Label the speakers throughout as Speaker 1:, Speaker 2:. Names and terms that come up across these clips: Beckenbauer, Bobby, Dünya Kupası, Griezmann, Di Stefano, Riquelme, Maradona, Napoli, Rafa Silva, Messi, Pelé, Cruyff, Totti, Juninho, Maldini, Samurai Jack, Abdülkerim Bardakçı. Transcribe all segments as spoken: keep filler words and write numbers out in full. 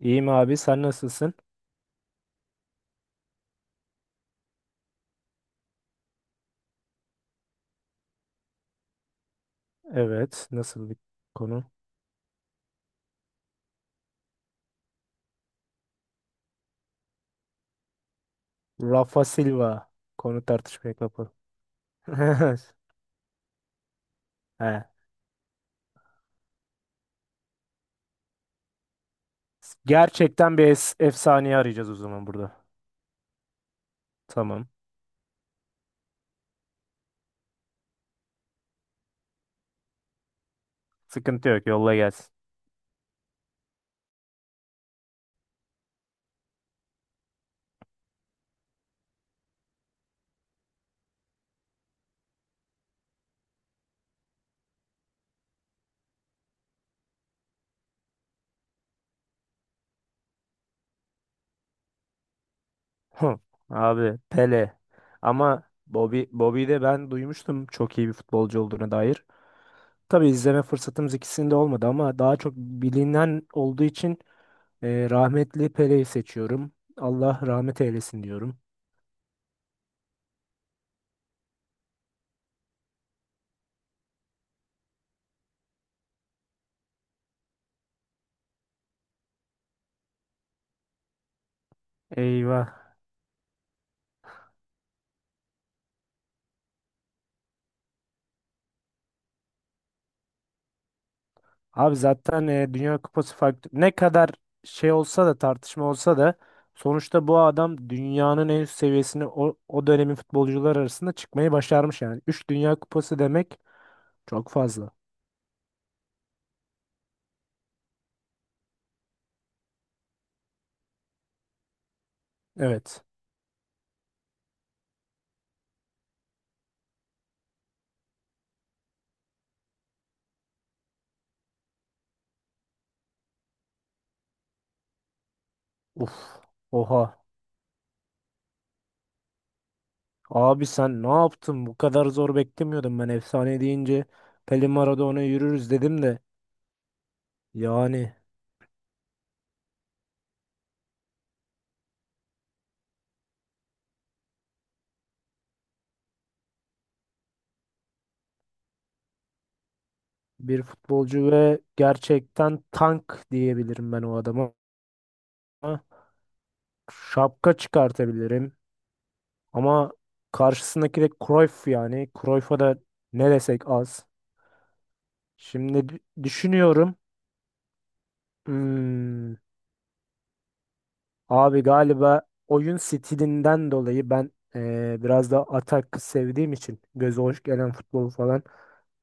Speaker 1: İyiyim abi sen nasılsın? Evet nasıl bir konu? Rafa Silva konu tartışmaya kapalı. He. Gerçekten bir es- efsaneyi arayacağız o zaman burada. Tamam. Sıkıntı yok, yolla gelsin. Hı. Abi Pele. Ama Bobby, Bobby'yi de ben duymuştum çok iyi bir futbolcu olduğuna dair. Tabii izleme fırsatımız ikisinde olmadı ama daha çok bilinen olduğu için e, rahmetli Pele'yi seçiyorum. Allah rahmet eylesin diyorum. Eyvah. Abi zaten e, Dünya Kupası farklı. Ne kadar şey olsa da, tartışma olsa da sonuçta bu adam dünyanın en üst seviyesine o, o dönemin futbolcular arasında çıkmayı başarmış yani. Üç Dünya Kupası demek çok fazla. Evet. Uf. Oha. Abi sen ne yaptın? Bu kadar zor beklemiyordum ben efsane deyince. Pelé Maradona yürürüz dedim de. Yani bir futbolcu ve gerçekten tank diyebilirim ben o adama. Şapka çıkartabilirim. Ama karşısındaki de Cruyff yani. Cruyff'a da ne desek az. Şimdi d- düşünüyorum. Hmm, abi galiba oyun stilinden dolayı ben eee, biraz da atak sevdiğim için göze hoş gelen futbolu falan.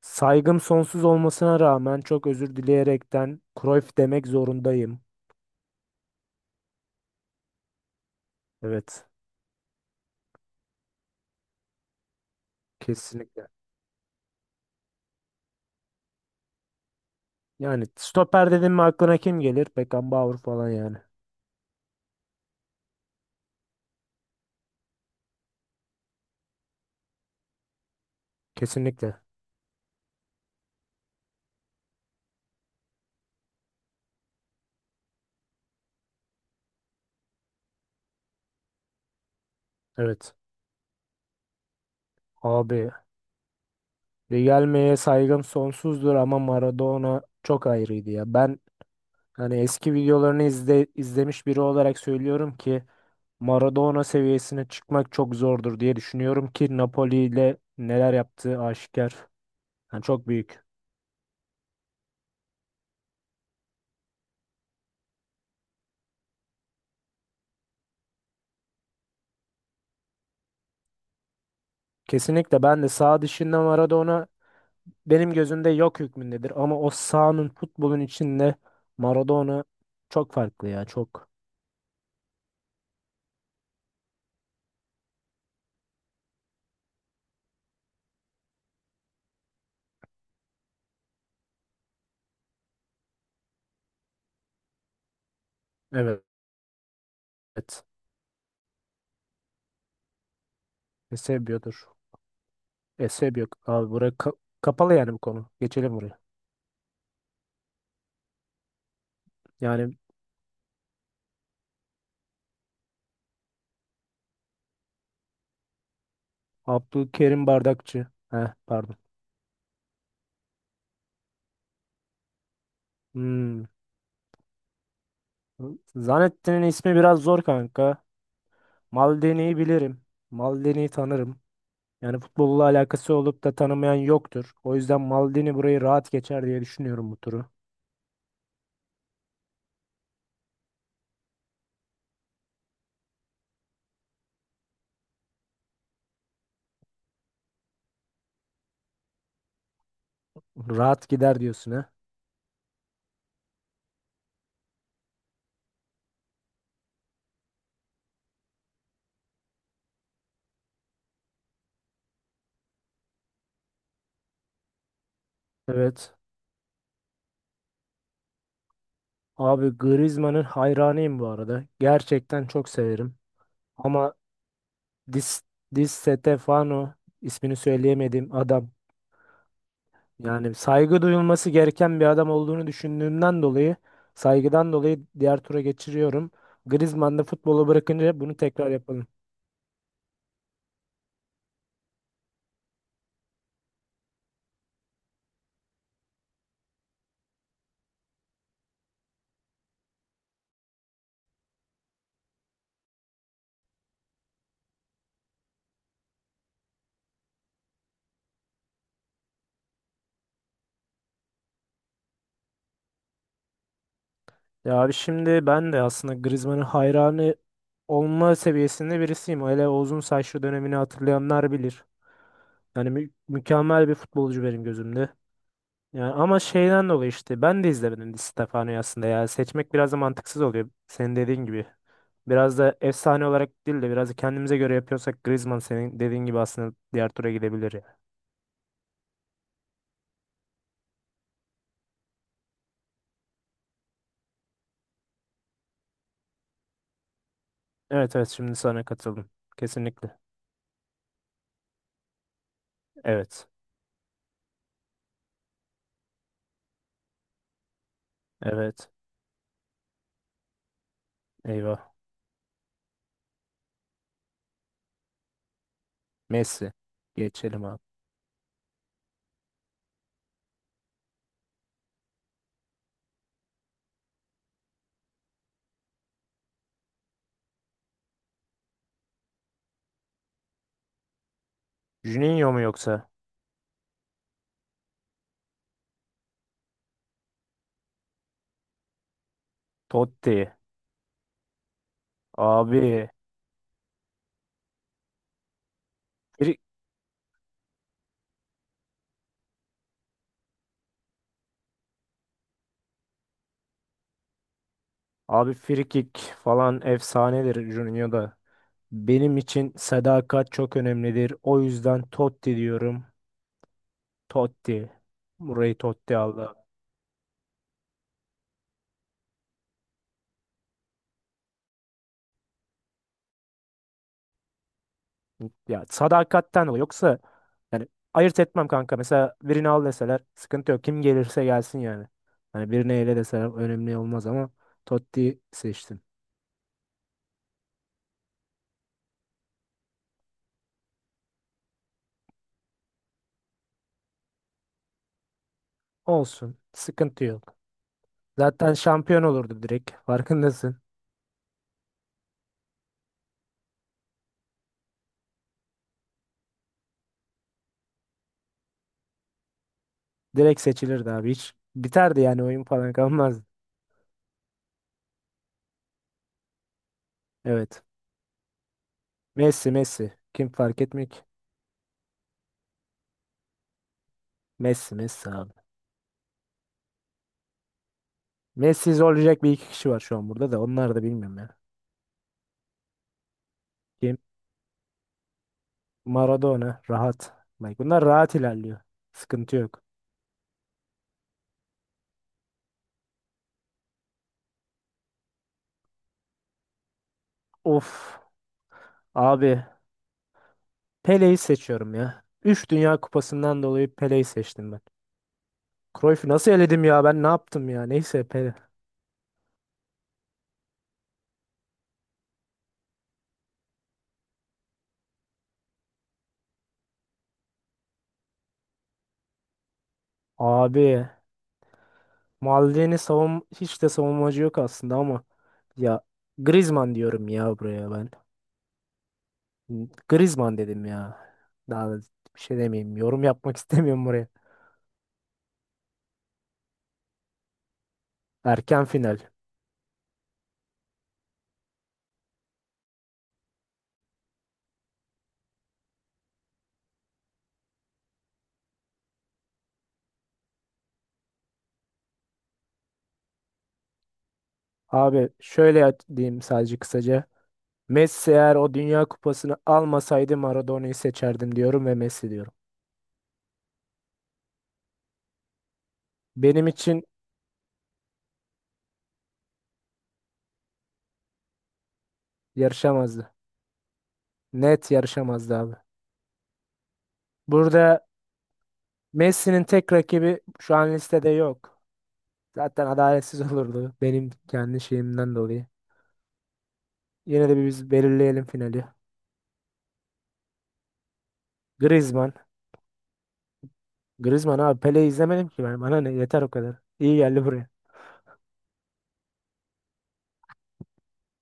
Speaker 1: Saygım sonsuz olmasına rağmen çok özür dileyerekten Cruyff demek zorundayım. Evet, kesinlikle. Yani stoper dedim mi aklına kim gelir? Beckenbauer falan yani. Kesinlikle. Evet. Abi Riquelme'ye saygım sonsuzdur ama Maradona çok ayrıydı ya. Ben hani eski videolarını izle, izlemiş biri olarak söylüyorum ki Maradona seviyesine çıkmak çok zordur diye düşünüyorum ki Napoli ile neler yaptığı aşikar. Yani çok büyük. Kesinlikle ben de sağ dışında Maradona benim gözümde yok hükmündedir ama o sahanın, futbolun içinde Maradona çok farklı ya, çok. Evet. Ne seviyordur. E, sebep yok. Abi buraya ka- kapalı yani bu konu. Geçelim buraya. Yani Abdülkerim Bardakçı. Heh, pardon. Hmm. Zanettin'in ismi biraz zor kanka. Maldini'yi bilirim. Maldini'yi tanırım. Yani futbolla alakası olup da tanımayan yoktur. O yüzden Maldini burayı rahat geçer diye düşünüyorum bu turu. Rahat gider diyorsun ha. Evet. Abi Griezmann'ın hayranıyım bu arada. Gerçekten çok severim. Ama Dis, Di Stefano ismini söyleyemediğim adam. Yani saygı duyulması gereken bir adam olduğunu düşündüğümden dolayı, saygıdan dolayı diğer tura geçiriyorum. Griezmann da futbolu bırakınca bunu tekrar yapalım. Ya abi, şimdi ben de aslında Griezmann'ın hayranı olma seviyesinde birisiyim. Hele o uzun saçlı dönemini hatırlayanlar bilir. Yani mü- mükemmel bir futbolcu benim gözümde. Yani ama şeyden dolayı işte ben de izlemedim Di Stefano'yu aslında ya. Seçmek biraz da mantıksız oluyor, senin dediğin gibi. Biraz da efsane olarak değil de biraz da kendimize göre yapıyorsak Griezmann, senin dediğin gibi, aslında diğer tura gidebilir ya. Evet, evet, şimdi sana katıldım. Kesinlikle. Evet. Evet. Eyvah. Messi. Geçelim abi. Juninho mu yoksa? Totti. Abi. Fri- abi frikik falan efsanedir Juninho da. Benim için sadakat çok önemlidir. O yüzden Totti diyorum. Totti. Burayı Totti aldı. Ya sadakatten o. Yoksa yani ayırt etmem kanka. Mesela birini al deseler sıkıntı yok. Kim gelirse gelsin yani. Hani birini ele deseler önemli olmaz ama Totti seçtim. Olsun. Sıkıntı yok. Zaten şampiyon olurdu direkt. Farkındasın. Direkt seçilirdi abi. Hiç biterdi yani, oyun falan kalmazdı. Evet. Messi, Messi. Kim fark etmek? Messi, Messi abi. Messi zorlayacak bir iki kişi var şu an burada da. Onlar da bilmiyorum ya. Kim? Maradona rahat. Bak, bunlar rahat ilerliyor. Sıkıntı yok. Of abi, Pele'yi seçiyorum ya. Üç Dünya Kupası'ndan dolayı Pele'yi seçtim ben. Cruyff'u nasıl eledim ya, ben ne yaptım ya, neyse, Pele. Abi Maldini savun hiç de savunmacı yok aslında ama ya, Griezmann diyorum ya buraya ben. Griezmann dedim ya. Daha da bir şey demeyeyim. Yorum yapmak istemiyorum buraya. Erken final. Abi şöyle diyeyim sadece kısaca. Messi eğer o Dünya Kupası'nı almasaydı Maradona'yı seçerdim diyorum ve Messi diyorum. Benim için yarışamazdı. Net yarışamazdı abi. Burada Messi'nin tek rakibi şu an listede yok. Zaten adaletsiz olurdu benim kendi şeyimden dolayı. Yine de bir biz belirleyelim finali. Griezmann. Griezmann abi, Pele'yi izlemedim ki ben. Bana ne, yeter o kadar. İyi geldi buraya.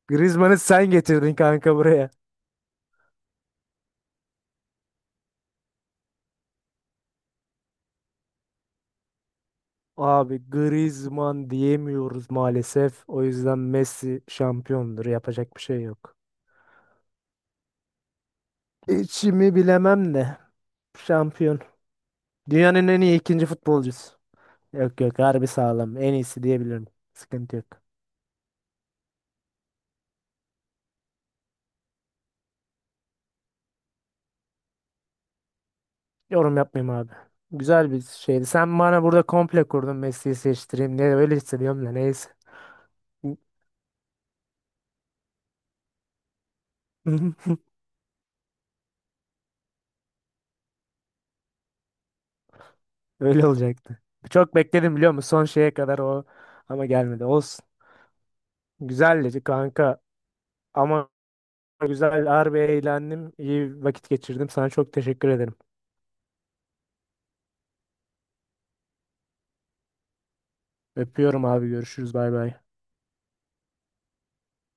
Speaker 1: Griezmann'ı sen getirdin kanka buraya. Abi Griezmann diyemiyoruz maalesef. O yüzden Messi şampiyondur. Yapacak bir şey yok. İçimi bilemem de şampiyon. Dünyanın en iyi ikinci futbolcusu. Yok yok, harbi sağlam. En iyisi diyebilirim. Sıkıntı yok. Yorum yapmayayım abi. Güzel bir şeydi. Sen bana burada komple kurdun Messi'yi seçtireyim, ne öyle hissediyorum, da neyse. Öyle olacaktı. Çok bekledim biliyor musun? Son şeye kadar o, ama gelmedi. Olsun. Güzeldi kanka. Ama güzel, harbi eğlendim. İyi vakit geçirdim. Sana çok teşekkür ederim. Öpüyorum abi. Görüşürüz. Bay bay.